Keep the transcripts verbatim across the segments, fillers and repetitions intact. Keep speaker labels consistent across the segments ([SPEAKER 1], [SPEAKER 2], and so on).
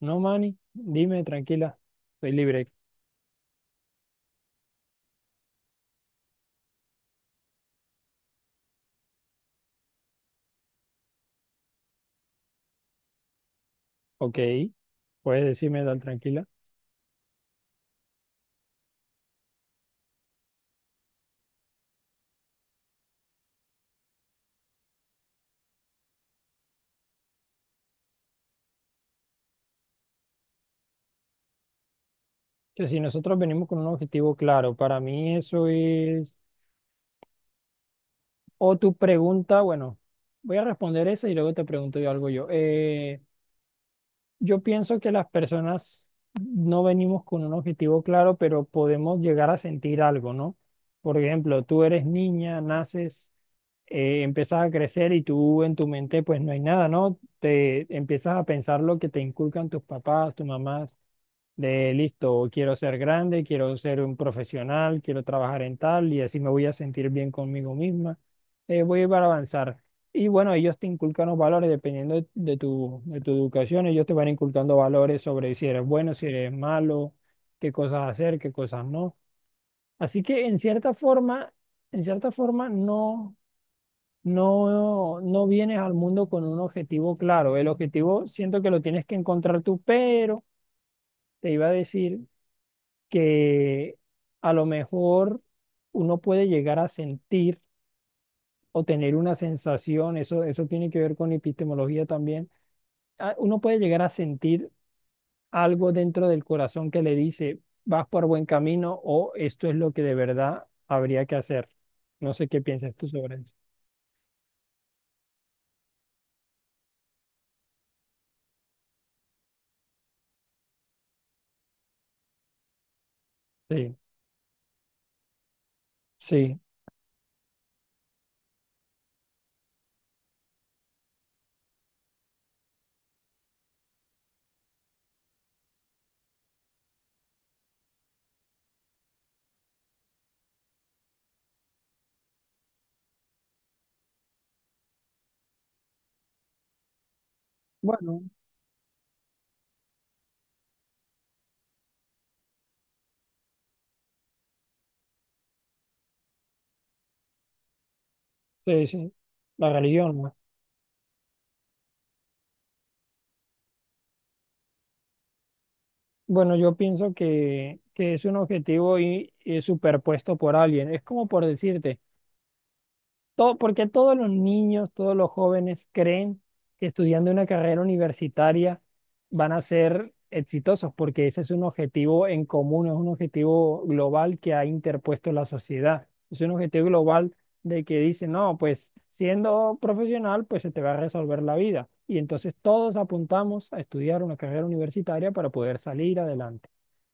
[SPEAKER 1] No, Manny, dime tranquila, soy libre. Ok, puedes decirme tal tranquila. Que si nosotros venimos con un objetivo claro, para mí eso es... O tu pregunta, bueno, voy a responder esa y luego te pregunto yo algo yo. Eh, yo pienso que las personas no venimos con un objetivo claro, pero podemos llegar a sentir algo, ¿no? Por ejemplo, tú eres niña, naces. Eh, empiezas a crecer y tú en tu mente pues no hay nada, ¿no? Te empiezas a pensar lo que te inculcan tus papás, tus mamás, de listo, quiero ser grande, quiero ser un profesional, quiero trabajar en tal y así me voy a sentir bien conmigo misma, eh, voy a ir para avanzar. Y bueno, ellos te inculcan los valores dependiendo de, de tu, de tu educación, ellos te van inculcando valores sobre si eres bueno, si eres malo, qué cosas hacer, qué cosas no. Así que en cierta forma, en cierta forma no no, no vienes al mundo con un objetivo claro. El objetivo siento que lo tienes que encontrar tú, pero te iba a decir que a lo mejor uno puede llegar a sentir o tener una sensación, eso, eso tiene que ver con epistemología también. Ah, Uno puede llegar a sentir algo dentro del corazón que le dice, vas por buen camino o esto es lo que de verdad habría que hacer. No sé qué piensas tú sobre eso. Sí, sí. Bueno. Sí, sí, la religión, ¿no? Bueno, yo pienso que, que es un objetivo y, y superpuesto por alguien. Es como por decirte. Todo, porque todos los niños, todos los jóvenes creen que estudiando una carrera universitaria van a ser exitosos, porque ese es un objetivo en común, es un objetivo global que ha interpuesto la sociedad. Es un objetivo global de que dice, no, pues siendo profesional, pues se te va a resolver la vida. Y entonces todos apuntamos a estudiar una carrera universitaria para poder salir adelante.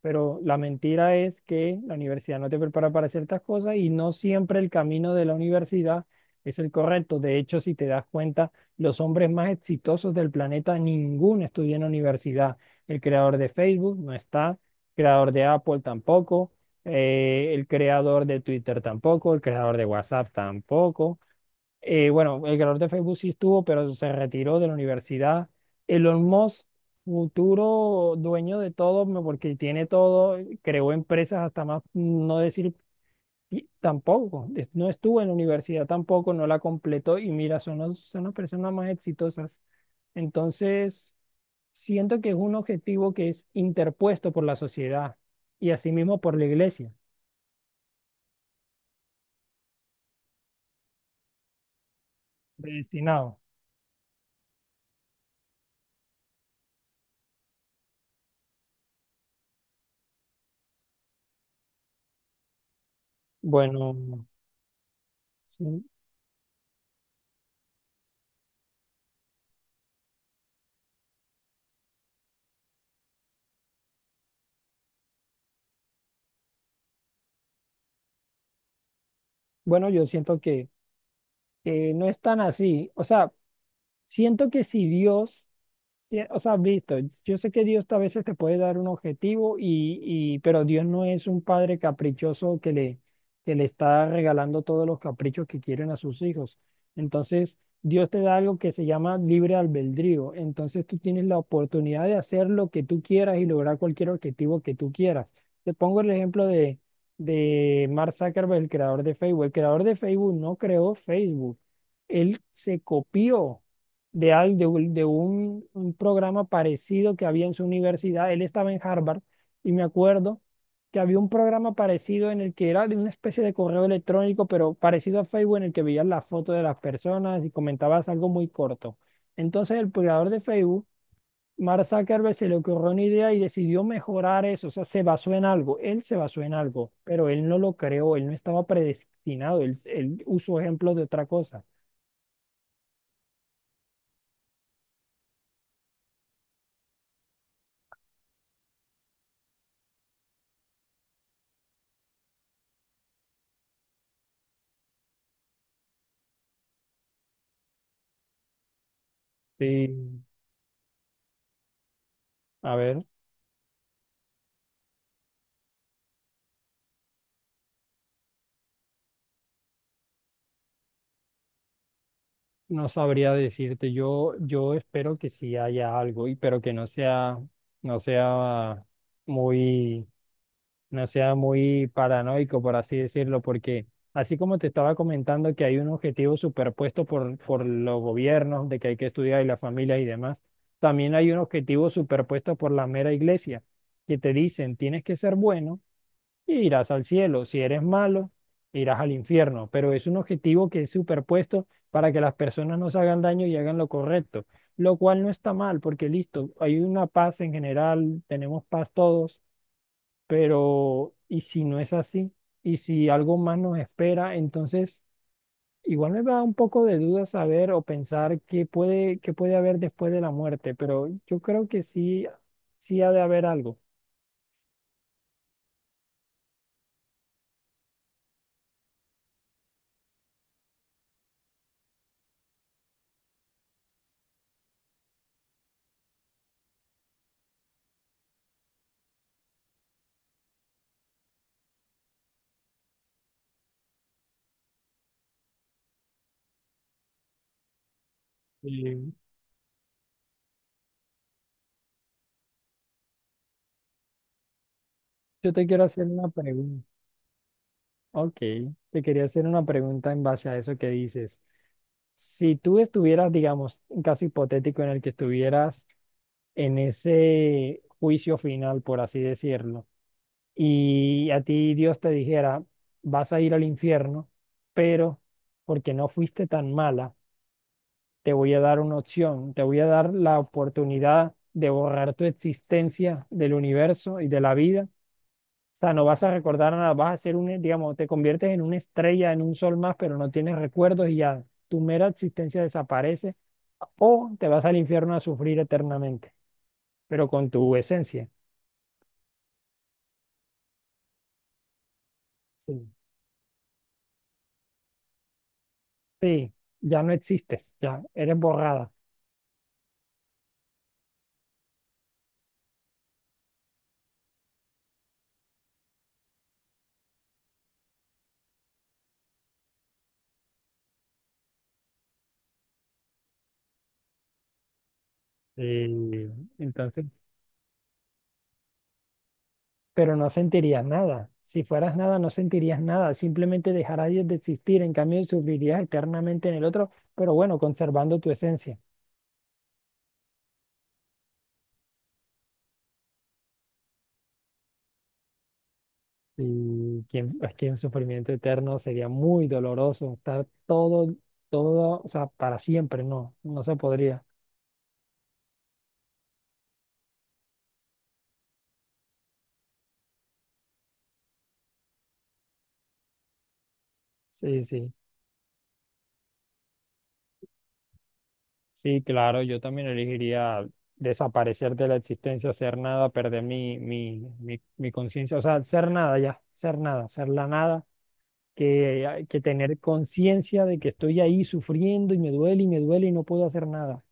[SPEAKER 1] Pero la mentira es que la universidad no te prepara para ciertas cosas y no siempre el camino de la universidad es el correcto. De hecho, si te das cuenta, los hombres más exitosos del planeta, ninguno estudia en la universidad. El creador de Facebook no está, el creador de Apple tampoco, eh, el creador de Twitter tampoco, el creador de WhatsApp tampoco. Eh, bueno, el creador de Facebook sí estuvo, pero se retiró de la universidad. Elon Musk, futuro dueño de todo, me- porque tiene todo, creó empresas hasta más, no decir y tampoco, es- no estuvo en la universidad tampoco, no la completó y mira, son las, son las personas más exitosas. Entonces, siento que es un objetivo que es interpuesto por la sociedad y asimismo por la iglesia, predestinado. Bueno, sí, bueno, yo siento que... eh, no es tan así. O sea, siento que si Dios sí. O sea, visto, yo sé que Dios a veces te puede dar un objetivo y, y pero Dios no es un padre caprichoso que le, que le está regalando todos los caprichos que quieren a sus hijos. Entonces, Dios te da algo que se llama libre albedrío. Entonces, tú tienes la oportunidad de hacer lo que tú quieras y lograr cualquier objetivo que tú quieras. Te pongo el ejemplo de, de Mark Zuckerberg, el creador de Facebook. El creador de Facebook no creó Facebook. Él se copió de, al- de un, de un- un programa parecido que había en su universidad. Él estaba en Harvard y me acuerdo que había un programa parecido en el que era de una especie de correo electrónico, pero parecido a Facebook, en el que veías las fotos de las personas y comentabas algo muy corto. Entonces el creador de Facebook, Mark Zuckerberg, se le ocurrió una idea y decidió mejorar eso. O sea, se basó en algo. Él se basó en algo, pero él no lo creó, él no estaba predestinado, él, él usó ejemplos de otra cosa. Sí, a ver. No sabría decirte, yo, yo espero que sí haya algo, y, pero que no sea, no sea muy, no sea muy paranoico, por así decirlo, porque así como te estaba comentando que hay un objetivo superpuesto por, por los gobiernos, de que hay que estudiar y las familias y demás, también hay un objetivo superpuesto por la mera iglesia, que te dicen, tienes que ser bueno, y irás al cielo. Si eres malo, irás al infierno. Pero es un objetivo que es superpuesto para que las personas no se hagan daño y hagan lo correcto, lo cual no está mal, porque listo, hay una paz en general, tenemos paz todos, pero ¿y si no es así? ¿Y si algo más nos espera? Entonces, igual me da un poco de duda saber o pensar qué puede, qué puede haber después de la muerte, pero yo creo que sí, sí ha de haber algo. Eh, yo te quiero hacer una pregunta. Ok, te quería hacer una pregunta en base a eso que dices. Si tú estuvieras, digamos, un caso hipotético en el que estuvieras en ese juicio final, por así decirlo, y a ti Dios te dijera, vas a ir al infierno, pero porque no fuiste tan mala, te voy a dar una opción, te voy a dar la oportunidad de borrar tu existencia del universo y de la vida. O sea, no vas a recordar nada, vas a ser un, digamos, te conviertes en una estrella, en un sol más, pero no tienes recuerdos y ya tu mera existencia desaparece o te vas al infierno a sufrir eternamente, pero con tu esencia. Sí. Sí, ya no existes, ya eres borrada. Eh, entonces, pero no sentirías nada. Si fueras nada, no sentirías nada. Simplemente dejarías de existir. En cambio, sufrirías eternamente en el otro, pero bueno, conservando tu esencia. Y que, es que un sufrimiento eterno sería muy doloroso, estar todo, todo, o sea, para siempre, no, no se podría. Sí, sí, sí, claro, yo también elegiría desaparecer de la existencia, ser nada, perder mi, mi, mi, mi conciencia, o sea, ser nada ya, ser nada, ser la nada, que, que tener conciencia de que estoy ahí sufriendo y me duele y me duele y no puedo hacer nada.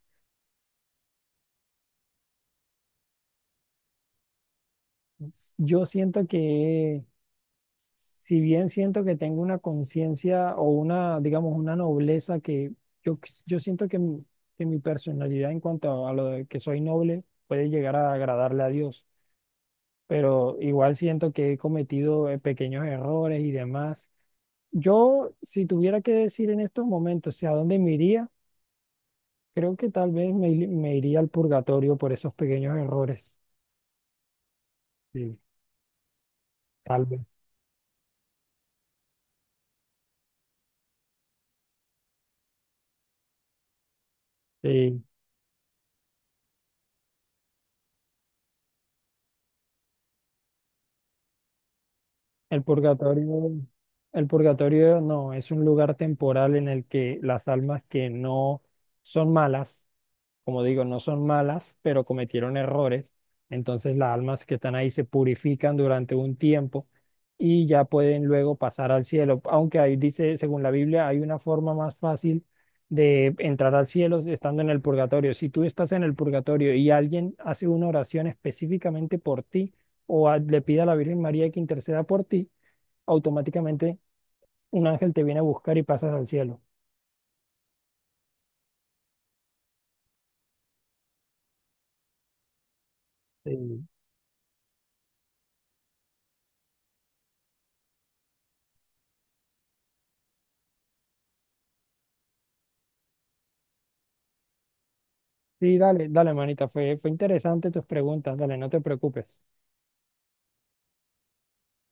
[SPEAKER 1] Yo siento que si bien siento que tengo una conciencia o una, digamos, una nobleza que yo, yo siento que mi, que mi personalidad en cuanto a, lo de que soy noble puede llegar a agradarle a Dios, pero igual siento que he cometido eh, pequeños errores y demás. Yo, si tuviera que decir en estos momentos, o sea, ¿a dónde me iría? Creo que tal vez me, ir- me iría al purgatorio por esos pequeños errores. Sí, tal vez. Sí. El purgatorio, el purgatorio no, es un lugar temporal en el que las almas que no son malas, como digo, no son malas, pero cometieron errores, entonces las almas que están ahí se purifican durante un tiempo y ya pueden luego pasar al cielo. Aunque ahí dice, según la Biblia, hay una forma más fácil de entrar al cielo estando en el purgatorio. Si tú estás en el purgatorio y alguien hace una oración específicamente por ti o a- le pide a la Virgen María que interceda por ti, automáticamente un ángel te viene a buscar y pasas al cielo. Sí. Sí, dale, dale, manita, fue, fue interesante tus preguntas, dale, no te preocupes.